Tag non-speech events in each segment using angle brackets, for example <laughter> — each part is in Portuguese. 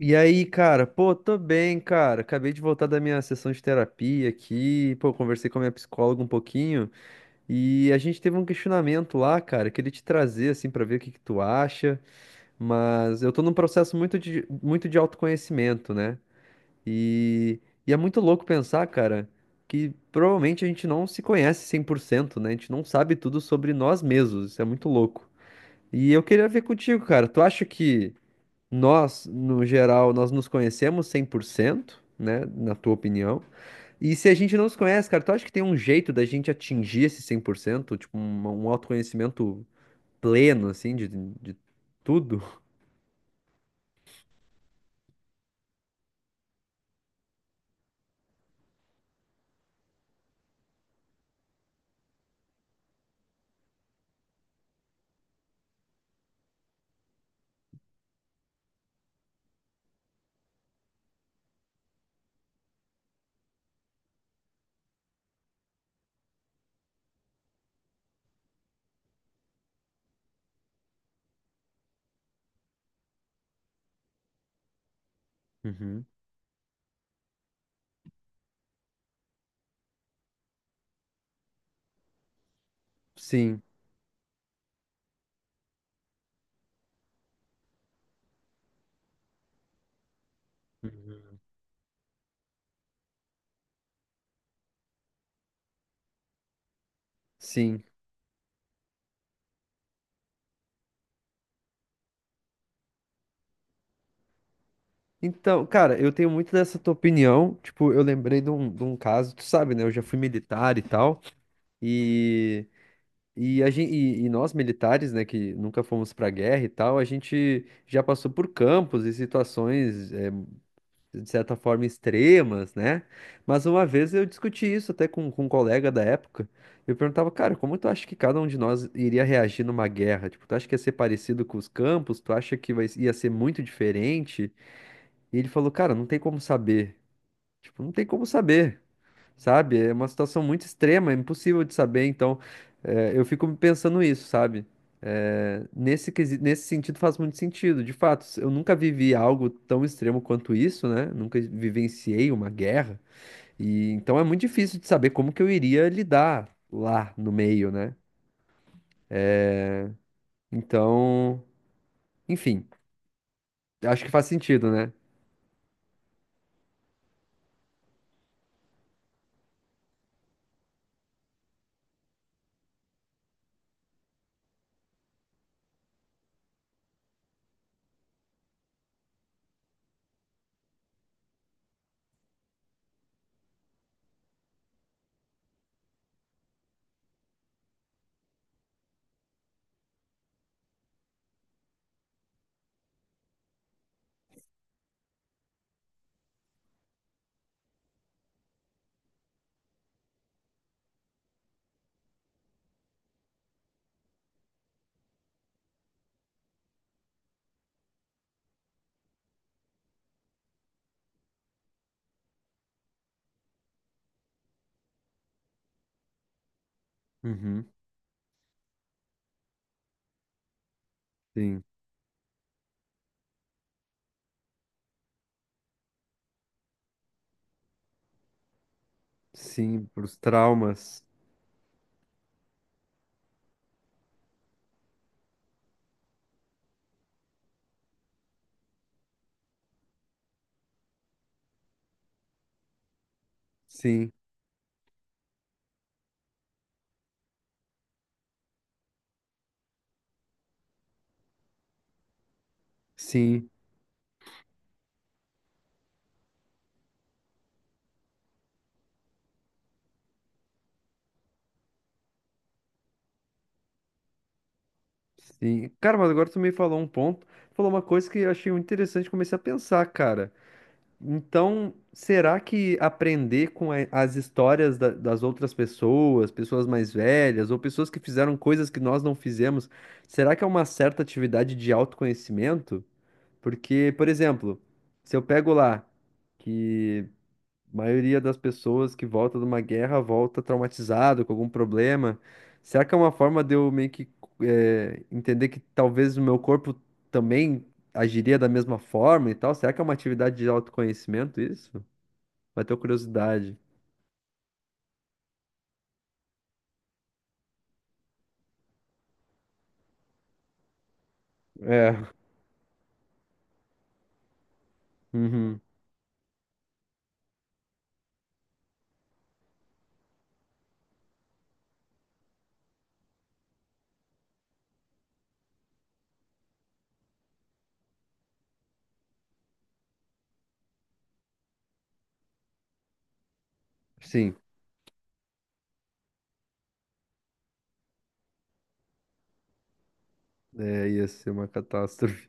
E aí, cara? Pô, tô bem, cara. Acabei de voltar da minha sessão de terapia aqui. Pô, conversei com a minha psicóloga um pouquinho e a gente teve um questionamento lá, cara. Queria te trazer assim pra ver o que que tu acha, mas eu tô num processo muito de autoconhecimento, né? E, e é muito louco pensar, cara, que provavelmente a gente não se conhece 100%, né? A gente não sabe tudo sobre nós mesmos. Isso é muito louco. E eu queria ver contigo, cara. Tu acha que nós, no geral, nós nos conhecemos 100%, né? Na tua opinião. E se a gente não se conhece, cara, tu acha que tem um jeito da gente atingir esse 100%? Tipo, um autoconhecimento pleno, assim, de tudo? Uhum. Sim. Uhum. Sim. Então, cara, eu tenho muito dessa tua opinião. Tipo, eu lembrei de um caso, tu sabe, né? Eu já fui militar e tal. E e, e nós militares, né, que nunca fomos para guerra e tal, a gente já passou por campos e situações, de certa forma, extremas, né? Mas uma vez eu discuti isso até com um colega da época. Eu perguntava, cara, como tu acha que cada um de nós iria reagir numa guerra? Tipo, tu acha que ia ser parecido com os campos? Tu acha que ia ser muito diferente? E ele falou, cara, não tem como saber. Tipo, não tem como saber, sabe? É uma situação muito extrema, é impossível de saber. Então, eu fico pensando isso, sabe? Nesse sentido faz muito sentido. De fato, eu nunca vivi algo tão extremo quanto isso, né? Nunca vivenciei uma guerra. E então é muito difícil de saber como que eu iria lidar lá no meio, né? Então, enfim, acho que faz sentido, né? Uhum, sim, sim, pros traumas. Sim, sim. Sim. Cara, mas agora tu me falou um ponto, falou uma coisa que eu achei muito interessante, comecei a pensar, cara. Então, será que aprender com as histórias das outras pessoas, pessoas mais velhas, ou pessoas que fizeram coisas que nós não fizemos, será que é uma certa atividade de autoconhecimento? Porque, por exemplo, se eu pego lá que a maioria das pessoas que volta de uma guerra volta traumatizado, com algum problema. Será que é uma forma de eu meio que entender que talvez o meu corpo também agiria da mesma forma e tal? Será que é uma atividade de autoconhecimento isso? Bateu curiosidade. É, uhum, sim, é, ia ser uma catástrofe.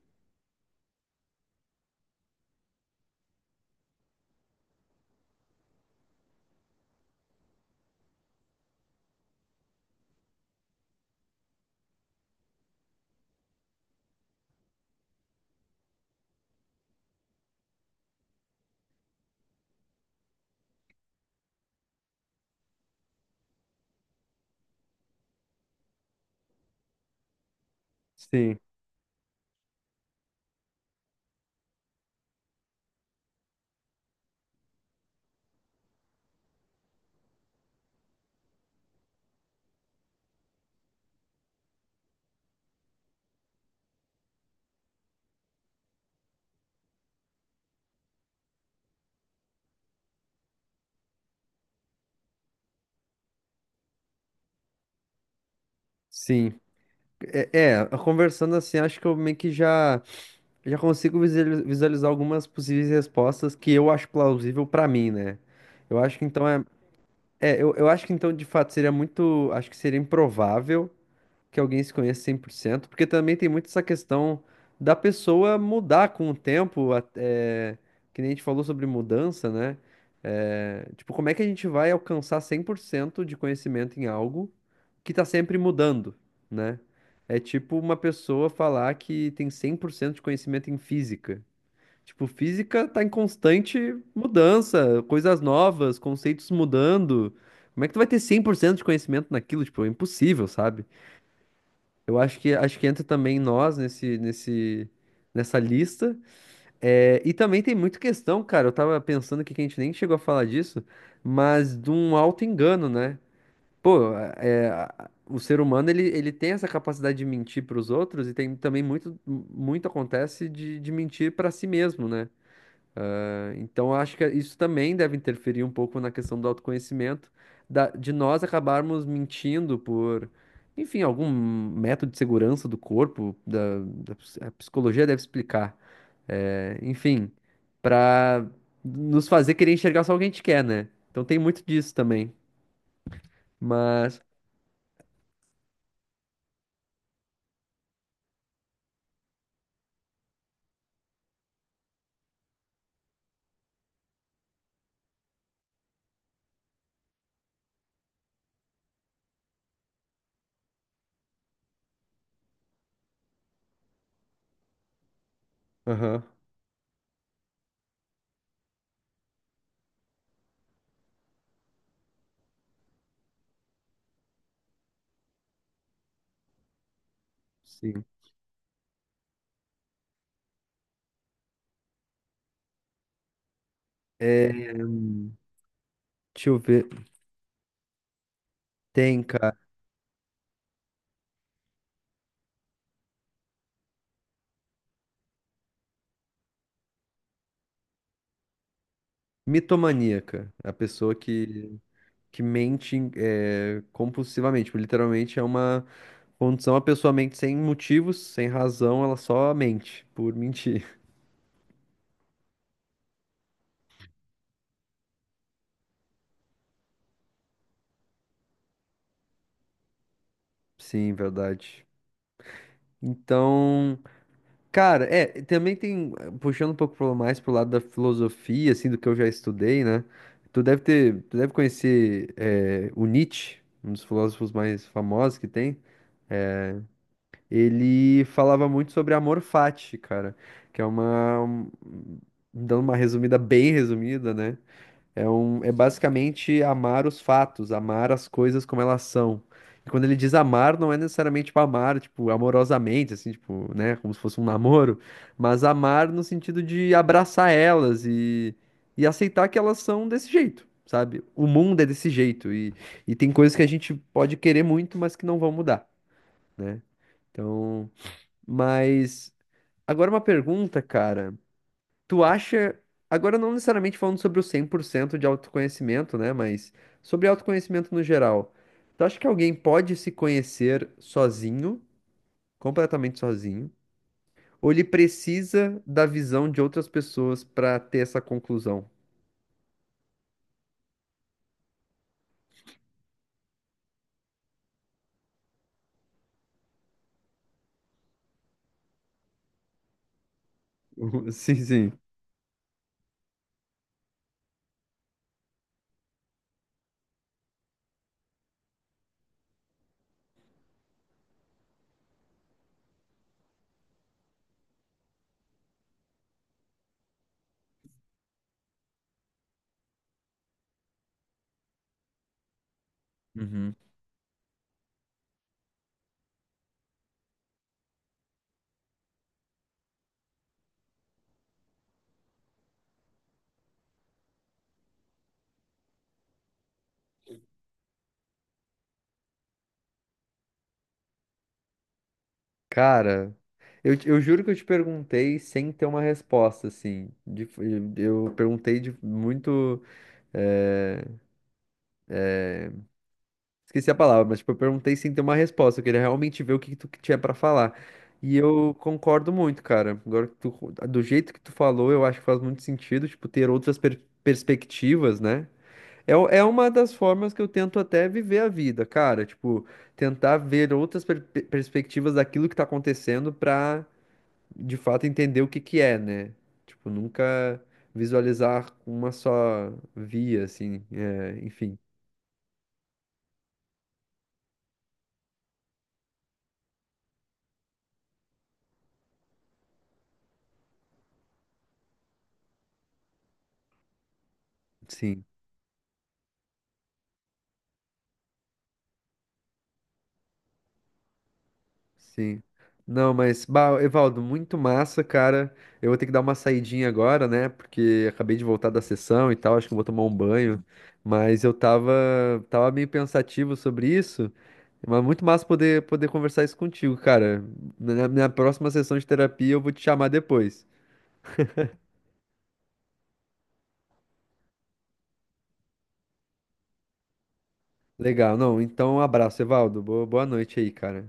Sim, sim. É, é, conversando assim, acho que eu meio que já. Já consigo visualizar algumas possíveis respostas que eu acho plausível pra mim, né? Eu acho que então eu acho que então de fato seria muito, acho que seria improvável que alguém se conheça 100%, porque também tem muito essa questão da pessoa mudar com o tempo, que nem a gente falou sobre mudança, né? É, tipo, como é que a gente vai alcançar 100% de conhecimento em algo que tá sempre mudando, né? É tipo uma pessoa falar que tem 100% de conhecimento em física. Tipo, física tá em constante mudança, coisas novas, conceitos mudando. Como é que tu vai ter 100% de conhecimento naquilo? Tipo, é impossível, sabe? Eu acho que entra também nós nessa lista. É, e também tem muita questão, cara. Eu tava pensando aqui que a gente nem chegou a falar disso, mas de um auto-engano, né? Pô, é, o ser humano ele tem essa capacidade de mentir para os outros e tem também muito acontece de mentir para si mesmo, né? Então, eu acho que isso também deve interferir um pouco na questão do autoconhecimento, de nós acabarmos mentindo por, enfim, algum método de segurança do corpo, a psicologia deve explicar, é, enfim, para nos fazer querer enxergar só o que a gente quer, né? Então, tem muito disso também. Mas, aham, sim. É, deixa eu ver. Tem, cara, mitomaníaca, a pessoa que mente, compulsivamente, tipo, literalmente é uma condição, a pessoa mente sem motivos, sem razão, ela só mente por mentir. <laughs> Sim, verdade. Então, cara, é, também tem, puxando um pouco mais pro lado da filosofia, assim, do que eu já estudei, né? Tu deve conhecer, é, o Nietzsche, um dos filósofos mais famosos que tem. Ele falava muito sobre amor fati, cara, que é dando uma resumida bem resumida, né? É basicamente amar os fatos, amar as coisas como elas são. E quando ele diz amar, não é necessariamente tipo, amar, tipo, amorosamente, assim, tipo, né, como se fosse um namoro, mas amar no sentido de abraçar elas e aceitar que elas são desse jeito, sabe? O mundo é desse jeito e tem coisas que a gente pode querer muito, mas que não vão mudar, né? Então, mas agora uma pergunta, cara. Tu acha, agora não necessariamente falando sobre o 100% de autoconhecimento, né, mas sobre autoconhecimento no geral. Tu acha que alguém pode se conhecer sozinho, completamente sozinho, ou ele precisa da visão de outras pessoas pra ter essa conclusão? <laughs> Sim, sim. Uhum. Cara, eu juro que eu te perguntei sem ter uma resposta, assim. Eu perguntei de muito. eh, Esqueci a palavra, mas tipo, eu perguntei sem ter uma resposta. Eu queria realmente ver o que que tu tinha pra falar. E eu concordo muito, cara. Agora, que tu, do jeito que tu falou, eu acho que faz muito sentido, tipo, ter outras perspectivas, né? É, é uma das formas que eu tento até viver a vida, cara. Tipo, tentar ver outras perspectivas daquilo que tá acontecendo pra, de fato, entender o que que é, né? Tipo, nunca visualizar uma só via, assim. É, enfim, sim. Sim. Não, mas, bah, Evaldo, muito massa, cara. Eu vou ter que dar uma saidinha agora, né? Porque acabei de voltar da sessão e tal, acho que eu vou tomar um banho. Mas eu tava meio pensativo sobre isso, mas muito massa poder conversar isso contigo, cara. Na próxima sessão de terapia eu vou te chamar depois. Legal, não, então um abraço, Evaldo. Boa noite aí, cara.